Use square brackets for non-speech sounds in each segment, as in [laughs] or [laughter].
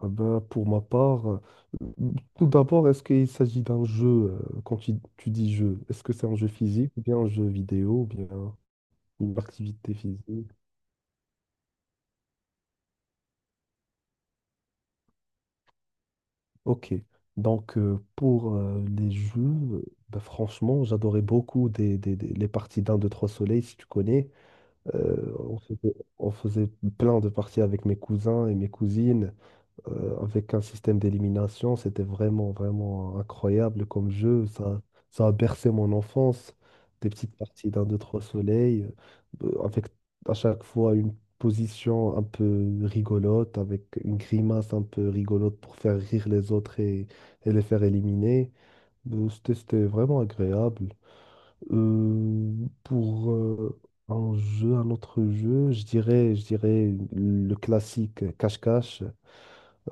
Ah ben, pour ma part, tout d'abord, est-ce qu'il s'agit d'un jeu, quand tu dis jeu, est-ce que c'est un jeu physique ou bien un jeu vidéo ou bien une activité physique? Ok, donc pour les jeux, ben, franchement, j'adorais beaucoup les parties d'un, deux, trois soleils, si tu connais. On faisait plein de parties avec mes cousins et mes cousines. Avec un système d'élimination. C'était vraiment, vraiment incroyable comme jeu. Ça a bercé mon enfance. Des petites parties d'un, deux, trois soleils, avec à chaque fois une position un peu rigolote, avec une grimace un peu rigolote pour faire rire les autres et les faire éliminer. C'était vraiment agréable. Euh, pour un jeu, un autre jeu, je dirais le classique cache-cache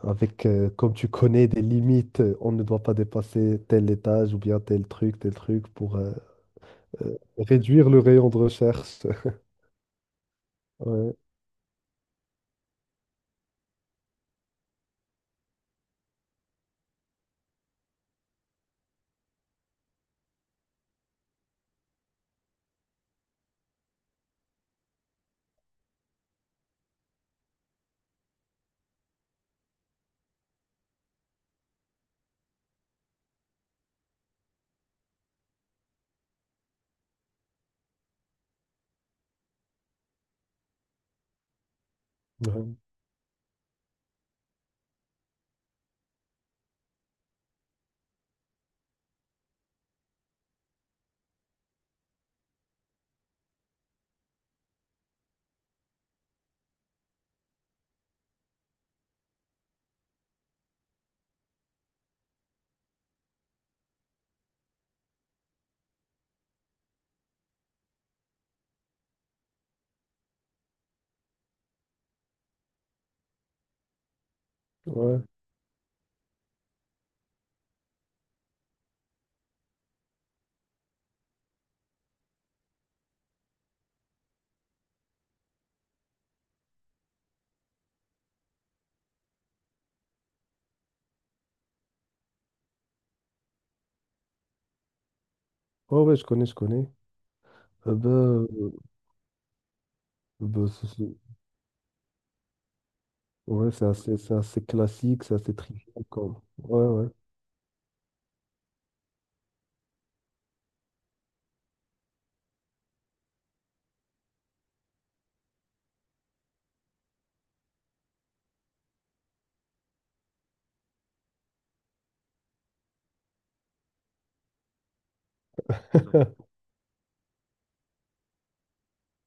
avec, comme tu connais, des limites, on ne doit pas dépasser tel étage ou bien tel truc pour réduire le rayon de recherche. [laughs] Ouais, ouais, ouais. Ouais, ouais, je connais, je connais. Ben, euh, ben, ouais, c'est assez classique, c'est assez trivial comme. Ouais, ouais. [laughs]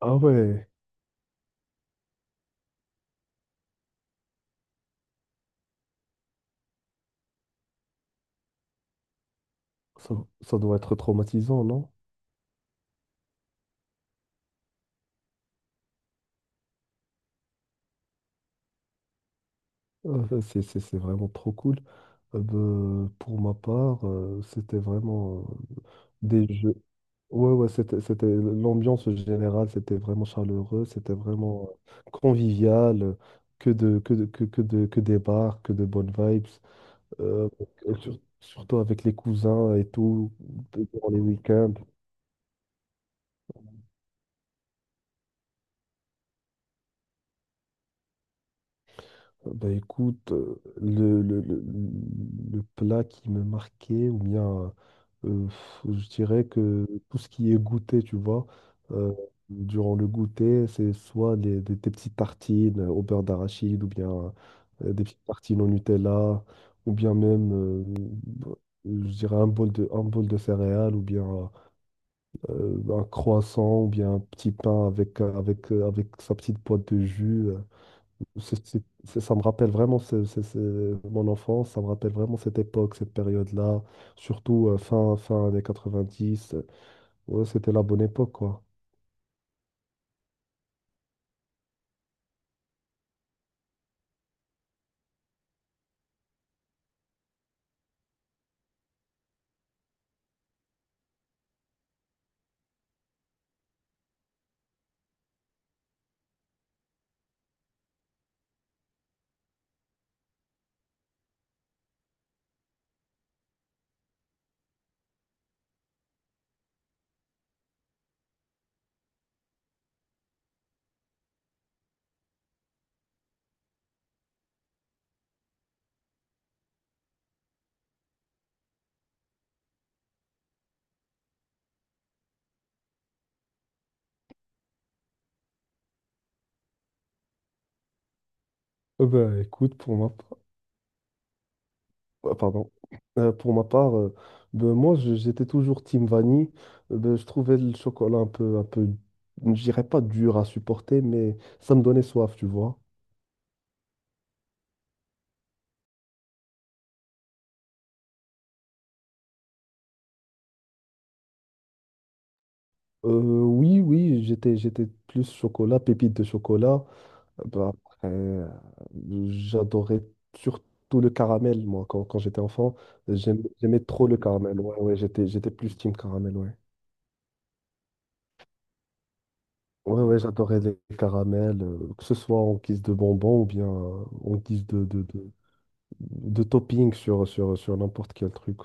Ah ouais, ça, ça doit être traumatisant, non? C'est vraiment trop cool. Ben, pour ma part, c'était vraiment euh, des jeux. Ouais, ouais, c'était l'ambiance générale, c'était vraiment chaleureux, c'était vraiment convivial, que des bars, que de bonnes vibes, euh, et surtout avec les cousins et tout, durant les week-ends. Bah écoute, le plat qui me marquait, ou bien je dirais que tout ce qui est goûter, tu vois, euh, durant le goûter, c'est soit des petites tartines au beurre d'arachide, ou bien des petites tartines au Nutella, ou bien même, je dirais, un bol de céréales, ou bien un croissant, ou bien un petit pain avec sa petite boîte de jus. Ça me rappelle vraiment mon enfance, ça me rappelle vraiment cette époque, cette période-là, surtout fin années 90. Ouais, c'était la bonne époque, quoi. Ben, écoute, pour ma part, pardon. Pour ma part, ben, moi, j'étais toujours team vanille. Ben, je trouvais le chocolat un peu, je dirais pas dur à supporter, mais ça me donnait soif, tu vois. Euh, oui, oui, j'étais plus chocolat, pépite de chocolat. Bah, après, j'adorais surtout le caramel, moi, quand j'étais enfant. J'aimais trop le caramel. Ouais, ouais, j'étais plus team caramel, ouais. Ouais, ouais, j'adorais les caramels, que ce soit en guise de bonbons ou bien en guise de topping sur n'importe quel truc.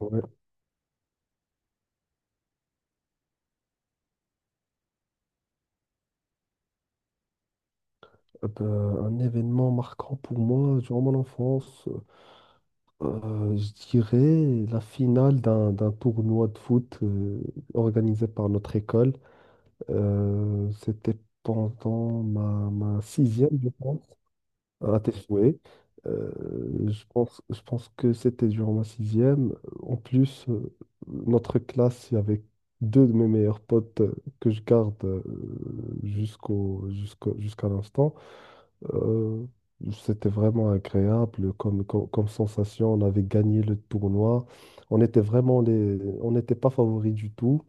Ouais. Bah, un événement marquant pour moi durant mon enfance, je dirais la finale d'un tournoi de foot organisé par notre école. C'était pendant ma sixième, je pense, à tes souhaits. Euh, je pense que c'était durant ma sixième. En plus, notre classe, il y avait deux de mes meilleurs potes que je garde jusqu'à l'instant. Euh, C'était vraiment agréable comme sensation. On avait gagné le tournoi. On était vraiment les... On n'était pas favoris du tout.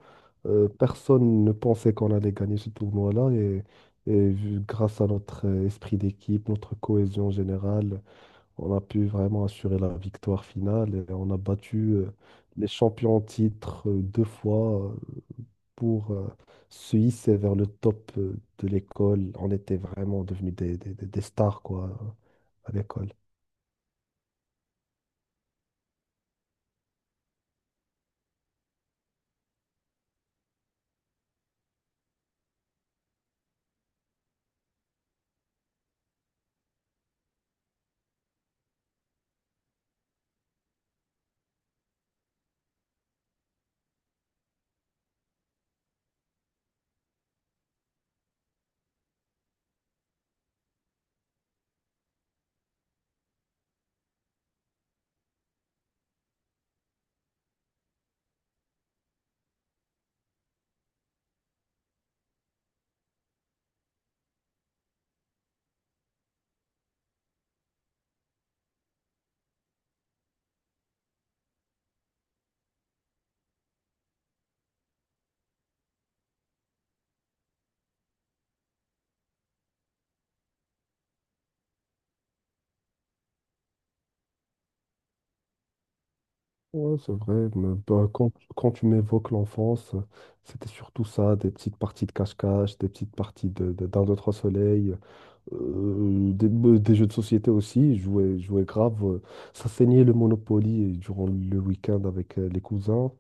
Personne ne pensait qu'on allait gagner ce tournoi-là. Et grâce à notre esprit d'équipe, notre cohésion générale, on a pu vraiment assurer la victoire finale. Et on a battu les champions en titre deux fois pour se hisser vers le top de l'école. On était vraiment devenus des stars, quoi, à l'école. Ouais, c'est vrai. Mais, bah, quand tu m'évoques l'enfance, c'était surtout ça, des petites parties de cache-cache, des petites parties d'un deux, trois soleil, des jeux de société aussi. Je jouais grave. Ça saignait le Monopoly durant le week-end avec les cousins.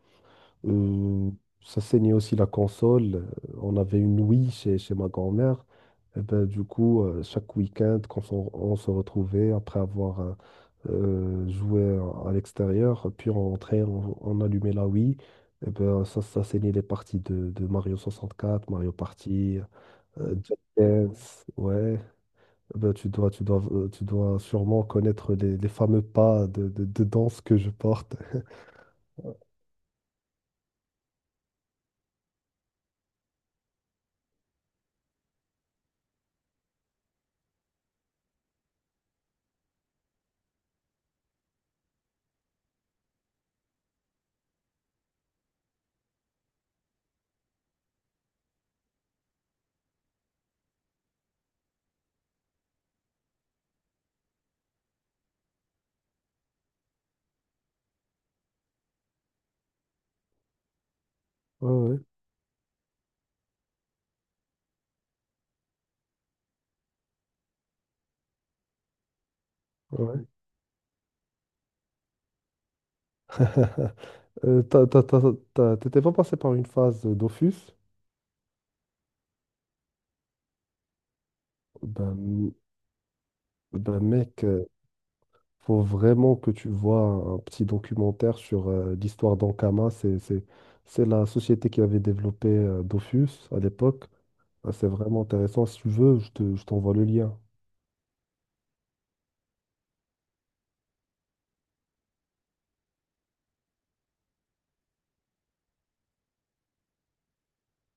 Euh, Ça saignait aussi la console. On avait une Wii chez ma grand-mère. Et ben, du coup, chaque week-end, quand on se retrouvait après avoir joué à l'extérieur, puis on rentrait, on allumait la Wii. Et ben, ça saignait les parties de Mario 64, Mario Party, Just Dance. Ouais. Eh ben, tu dois sûrement connaître les fameux pas de danse que je porte. Ouais, ouais, ouais. [laughs] Euh, t'as- t'as- t'as- T'étais pas passé par une phase d'Office? Ben, ben mec, faut vraiment que tu vois un petit documentaire sur l'histoire d'Ankama. C'est la société qui avait développé Dofus à l'époque. Ben, c'est vraiment intéressant. Si tu veux, je t'envoie le lien.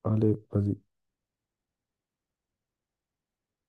Allez, vas-y.